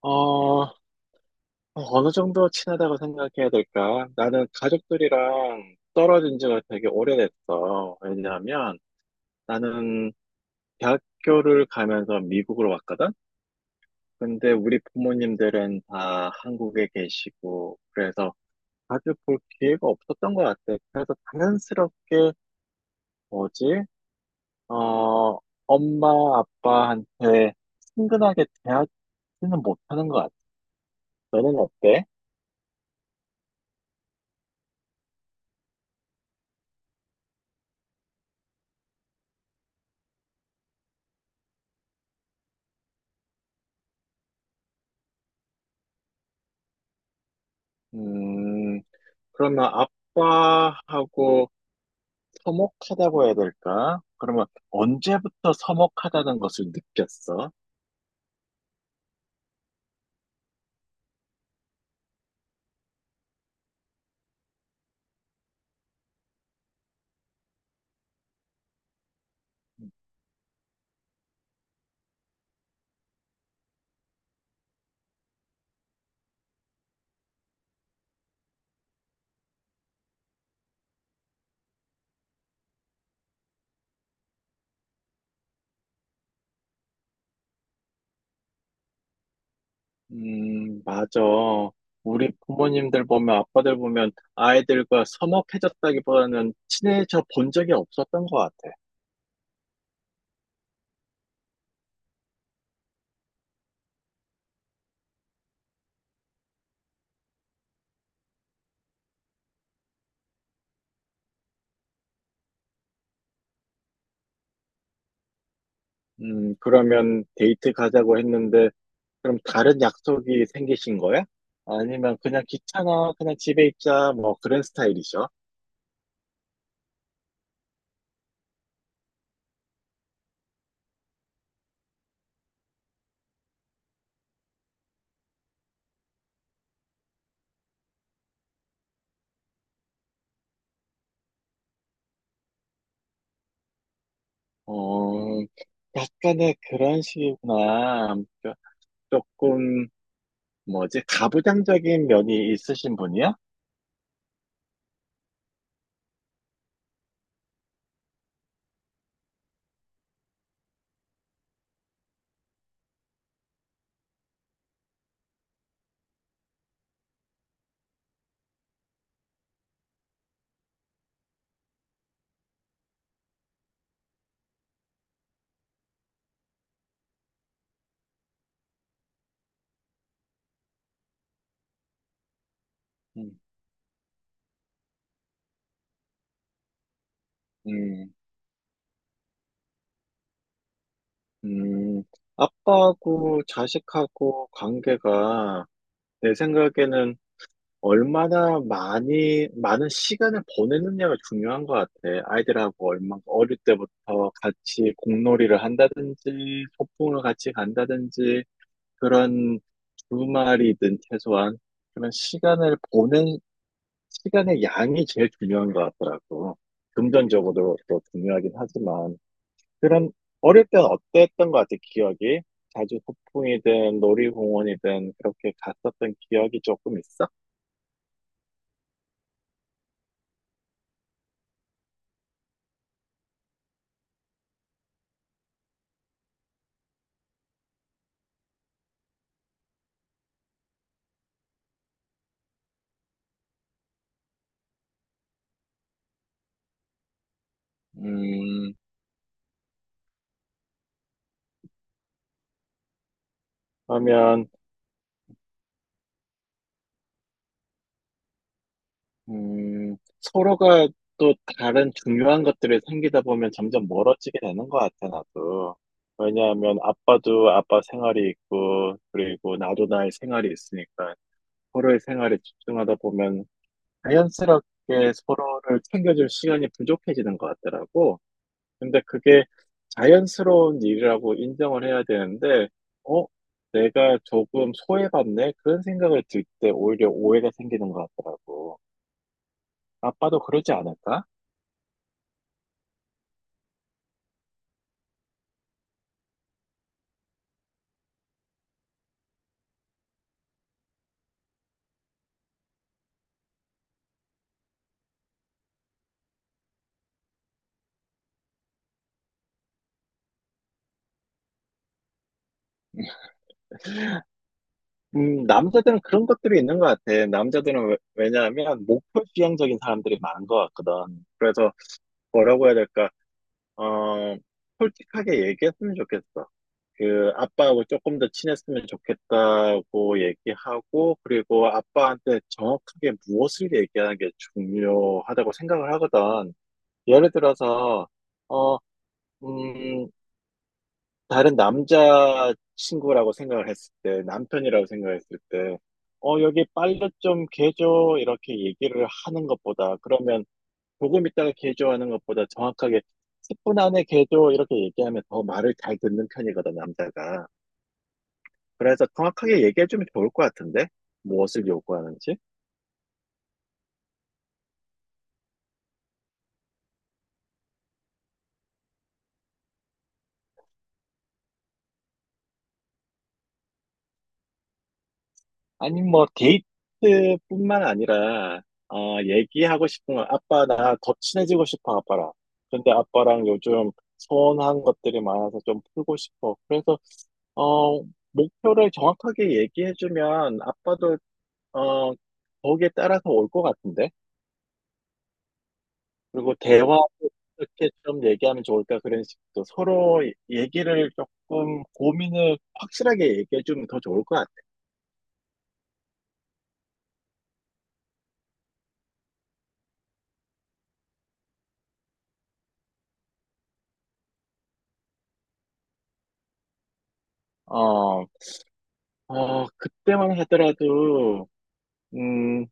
어, 어느 정도 친하다고 생각해야 될까? 나는 가족들이랑 떨어진 지가 되게 오래됐어. 왜냐하면 나는 대학교를 가면서 미국으로 왔거든? 근데 우리 부모님들은 다 한국에 계시고, 그래서 자주 볼 기회가 없었던 것 같아. 그래서 자연스럽게 뭐지? 어, 엄마, 아빠한테 친근하게 대하지는 못하는 것 같아. 너는 어때? 음, 그러면 아빠하고 서먹하다고 해야 될까? 그러면 언제부터 서먹하다는 것을 느꼈어? 맞아. 우리 부모님들 보면, 아빠들 보면 아이들과 서먹해졌다기보다는 친해져 본 적이 없었던 것 같아. 그러면 데이트 가자고 했는데, 그럼 다른 약속이 생기신 거야? 아니면 그냥 귀찮아, 그냥 집에 있자, 뭐 그런 스타일이죠. 어, 약간의 그런 식이구나. 조금 뭐지 가부장적인 면이 있으신 분이야? 음. 음, 음, 아빠하고 자식하고 관계가 내 생각에는 얼마나 많이, 많은 시간을 보내느냐가 중요한 것 같아. 아이들하고 얼마, 어릴 때부터 같이 공놀이를 한다든지, 소풍을 같이 간다든지, 그런 주말이든 최소한 그런 시간을 보낸 시간의 양이 제일 중요한 것 같더라고. 금전적으로도 중요하긴 하지만, 그런, 어릴 땐 어땠던 것 같아, 기억이? 자주 소풍이든 놀이공원이든 그렇게 갔었던 기억이 조금 있어? 음, 그러면, 서로가 또 다른 중요한 것들이 생기다 보면 점점 멀어지게 되는 것 같아, 나도. 왜냐하면 아빠도 아빠 생활이 있고, 그리고 나도 나의 생활이 있으니까 서로의 생활에 집중하다 보면 자연스럽게 서로를 챙겨줄 시간이 부족해지는 것 같더라고. 근데 그게 자연스러운 일이라고 인정을 해야 되는데, 어? 내가 조금 소외받네? 그런 생각을 들 때 오히려 오해가 생기는 것 같더라고. 아빠도 그러지 않을까? 남자들은 그런 것들이 있는 것 같아. 남자들은 왜, 왜냐하면 목표 지향적인 사람들이 많은 것 같거든. 그래서 뭐라고 해야 될까? 어, 솔직하게 얘기했으면 좋겠어. 그 아빠하고 조금 더 친했으면 좋겠다고 얘기하고 그리고 아빠한테 정확하게 무엇을 얘기하는 게 중요하다고 생각을 하거든. 예를 들어서 어, 음, 다른 남자 친구라고 생각을 했을 때, 남편이라고 생각했을 때, 어, 여기 빨래 좀 개줘 이렇게 얘기를 하는 것보다 그러면 조금 있다가 개조하는 것보다 정확하게 10분 안에 개조 이렇게 얘기하면 더 말을 잘 듣는 편이거든, 남자가. 그래서 정확하게 얘기해주면 좋을 것 같은데? 무엇을 요구하는지? 아니, 뭐, 데이트뿐만 아니라, 어, 얘기하고 싶은 건, 아빠, 나 더 친해지고 싶어, 아빠랑. 근데 아빠랑 요즘 서운한 것들이 많아서 좀 풀고 싶어. 그래서, 어, 목표를 정확하게 얘기해주면, 아빠도, 어, 거기에 따라서 올 것 같은데? 그리고 대화 어떻게 좀 얘기하면 좋을까 그런 식으로 서로 얘기를 조금 고민을 확실하게 얘기해 주면 더 좋을 것 같아. 어, 어, 그때만 하더라도 음,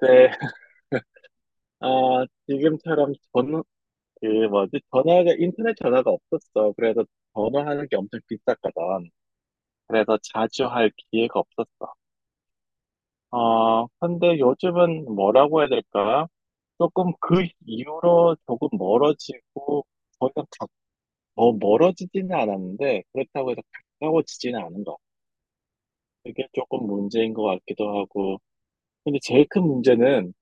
네, 아, 지금처럼 전, 그 뭐지 전화가 인터넷 전화가 없었어. 그래서 전화하는 게 엄청 비쌌거든. 그래서 자주 할 기회가 없었어. 어, 근데 요즘은 뭐라고 해야 될까? 조금 그 이후로 조금 멀어지고 더 이상 더 멀어지지는 않았는데 그렇다고 해서 가까워지지는 않은 것 같아요. 그게 조금 문제인 것 같기도 하고 근데 제일 큰 문제는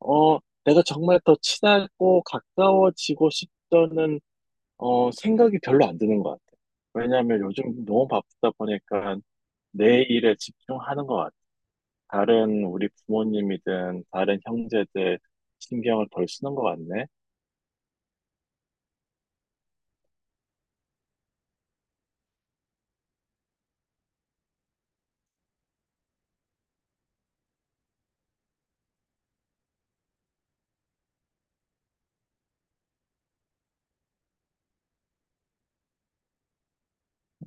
어 내가 정말 더 친하고 가까워지고 싶다는 생각이 별로 안 드는 것 같아요. 왜냐하면 요즘 너무 바쁘다 보니까 내 일에 집중하는 것 같아요. 다른 우리 부모님이든 다른 형제들 신경을 덜 쓰는 것 같네.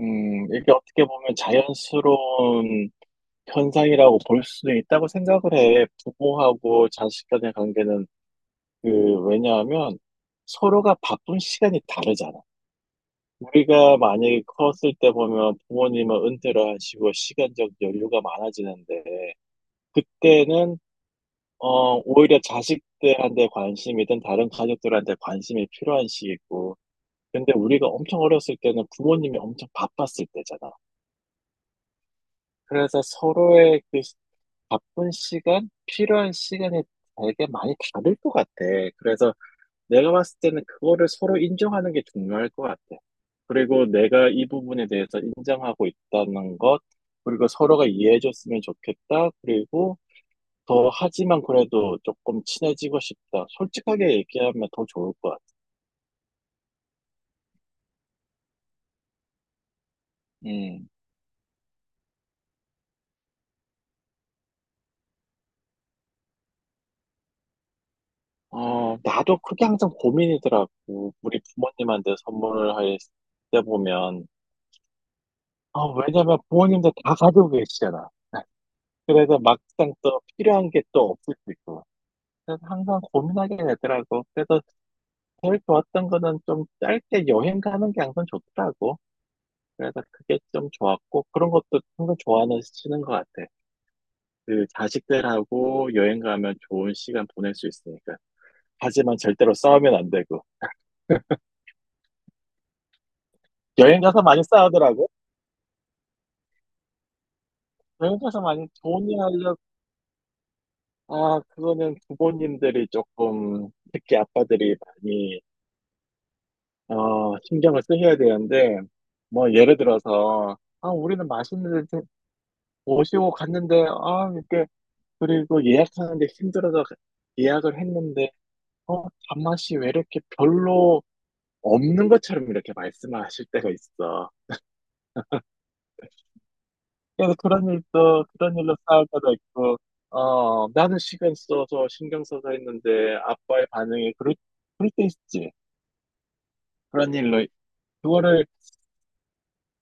이게 어떻게 보면 자연스러운 현상이라고 볼 수도 있다고 생각을 해. 부모하고 자식 간의 관계는 그 왜냐하면 서로가 바쁜 시간이 다르잖아. 우리가 만약에 컸을 때 보면 부모님은 은퇴를 하시고 시간적 여유가 많아지는데 그때는 오히려 자식들한테 관심이든 다른 가족들한테 관심이 필요한 시기고 근데 우리가 엄청 어렸을 때는 부모님이 엄청 바빴을 때잖아. 그래서 바쁜 시간, 필요한 시간이 되게 많이 다를 것 같아. 그래서 내가 봤을 때는 그거를 서로 인정하는 게 중요할 것 같아. 그리고 내가 이 부분에 대해서 인정하고 있다는 것, 그리고 서로가 이해해줬으면 좋겠다. 그리고 더 하지만 그래도 조금 친해지고 싶다. 솔직하게 얘기하면 더 좋을 것 같아. 음. 어, 나도 그게 항상 고민이더라고. 우리 부모님한테 선물을 할 때 보면. 아, 왜냐면 부모님들 다 가지고 계시잖아. 그래서 막상 또 필요한 게 또 없을 수 있고. 그래서 항상 고민하게 되더라고. 그래서 제일 좋았던 거는 좀 짧게 여행 가는 게 항상 좋더라고. 그래서 그게 좀 좋았고, 그런 것도 항상 좋아하시는 것 같아. 그 자식들하고 여행 가면 좋은 시간 보낼 수 있으니까. 하지만 절대로 싸우면 안 되고. 여행 가서 많이 싸우더라고. 여행 가서 많이 좋은 일 하려고. 아, 그거는 부모님들이 조금, 특히 아빠들이 많이 어, 신경을 쓰셔야 되는데, 뭐, 예를 들어서, 아, 우리는 맛있는 데 모시고 갔는데, 아, 이렇게, 그리고 예약하는데 힘들어서 예약을 했는데, 어, 단맛이 왜 이렇게 별로 없는 것처럼 이렇게 말씀하실 때가 있어. 그래서 그런 일도, 그런 일로 싸울 때도 있고, 어, 나는 시간 써서 신경 써서 했는데, 그럴 때 있지. 그런 일로, 그거를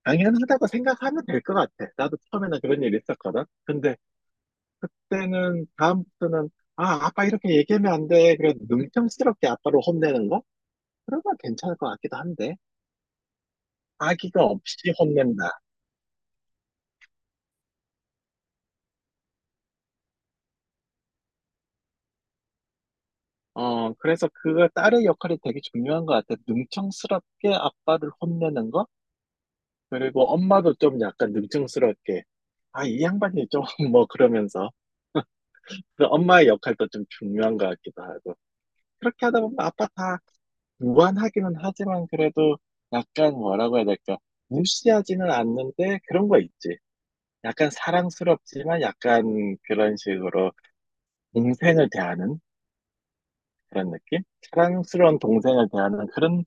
당연하다고 생각하면 될 것 같아. 나도 처음에는 그런 일이 있었거든. 근데 그때는 다음부터는 아, 아빠 이렇게 얘기하면 안 돼. 그래도 능청스럽게 아빠를 혼내는 거? 그러면 괜찮을 것 같기도 한데. 아기가 없이 혼낸다. 어, 그래서 그거 딸의 역할이 되게 중요한 것 같아. 능청스럽게 아빠를 혼내는 거? 그리고 엄마도 좀 약간 능청스럽게. 아, 이 양반이 좀 뭐 그러면서. 그 엄마의 역할도 좀 중요한 것 같기도 하고. 그렇게 하다 보면 아빠 다 무한하기는 하지만 그래도 약간 뭐라고 해야 될까? 무시하지는 않는데 그런 거 있지. 약간 사랑스럽지만 약간 그런 식으로 동생을 대하는 그런 느낌? 사랑스러운 동생을 대하는 그런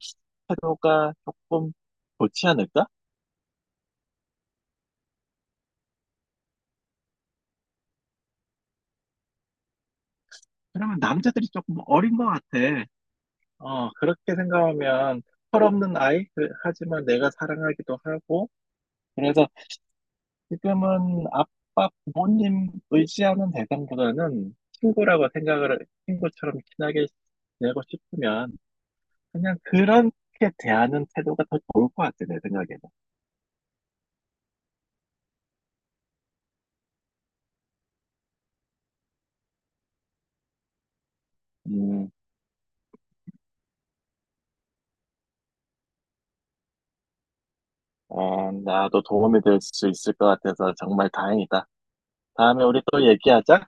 태도가 조금 좋지 않을까? 그러면 남자들이 조금 어린 것 같아. 어, 그렇게 생각하면 철없는 아이? 그- 하지만 내가 사랑하기도 하고 그래서 지금은 아빠 부모님 의지하는 대상보다는 친구라고 생각을, 친구처럼 친하게 지내고 싶으면 그냥 그렇게 대하는 태도가 더 좋을 것 같아, 내 생각에는. 음, 어, 나도 도움이 될 수 있을 것 같아서 정말 다행이다. 다음에 우리 또 얘기하자.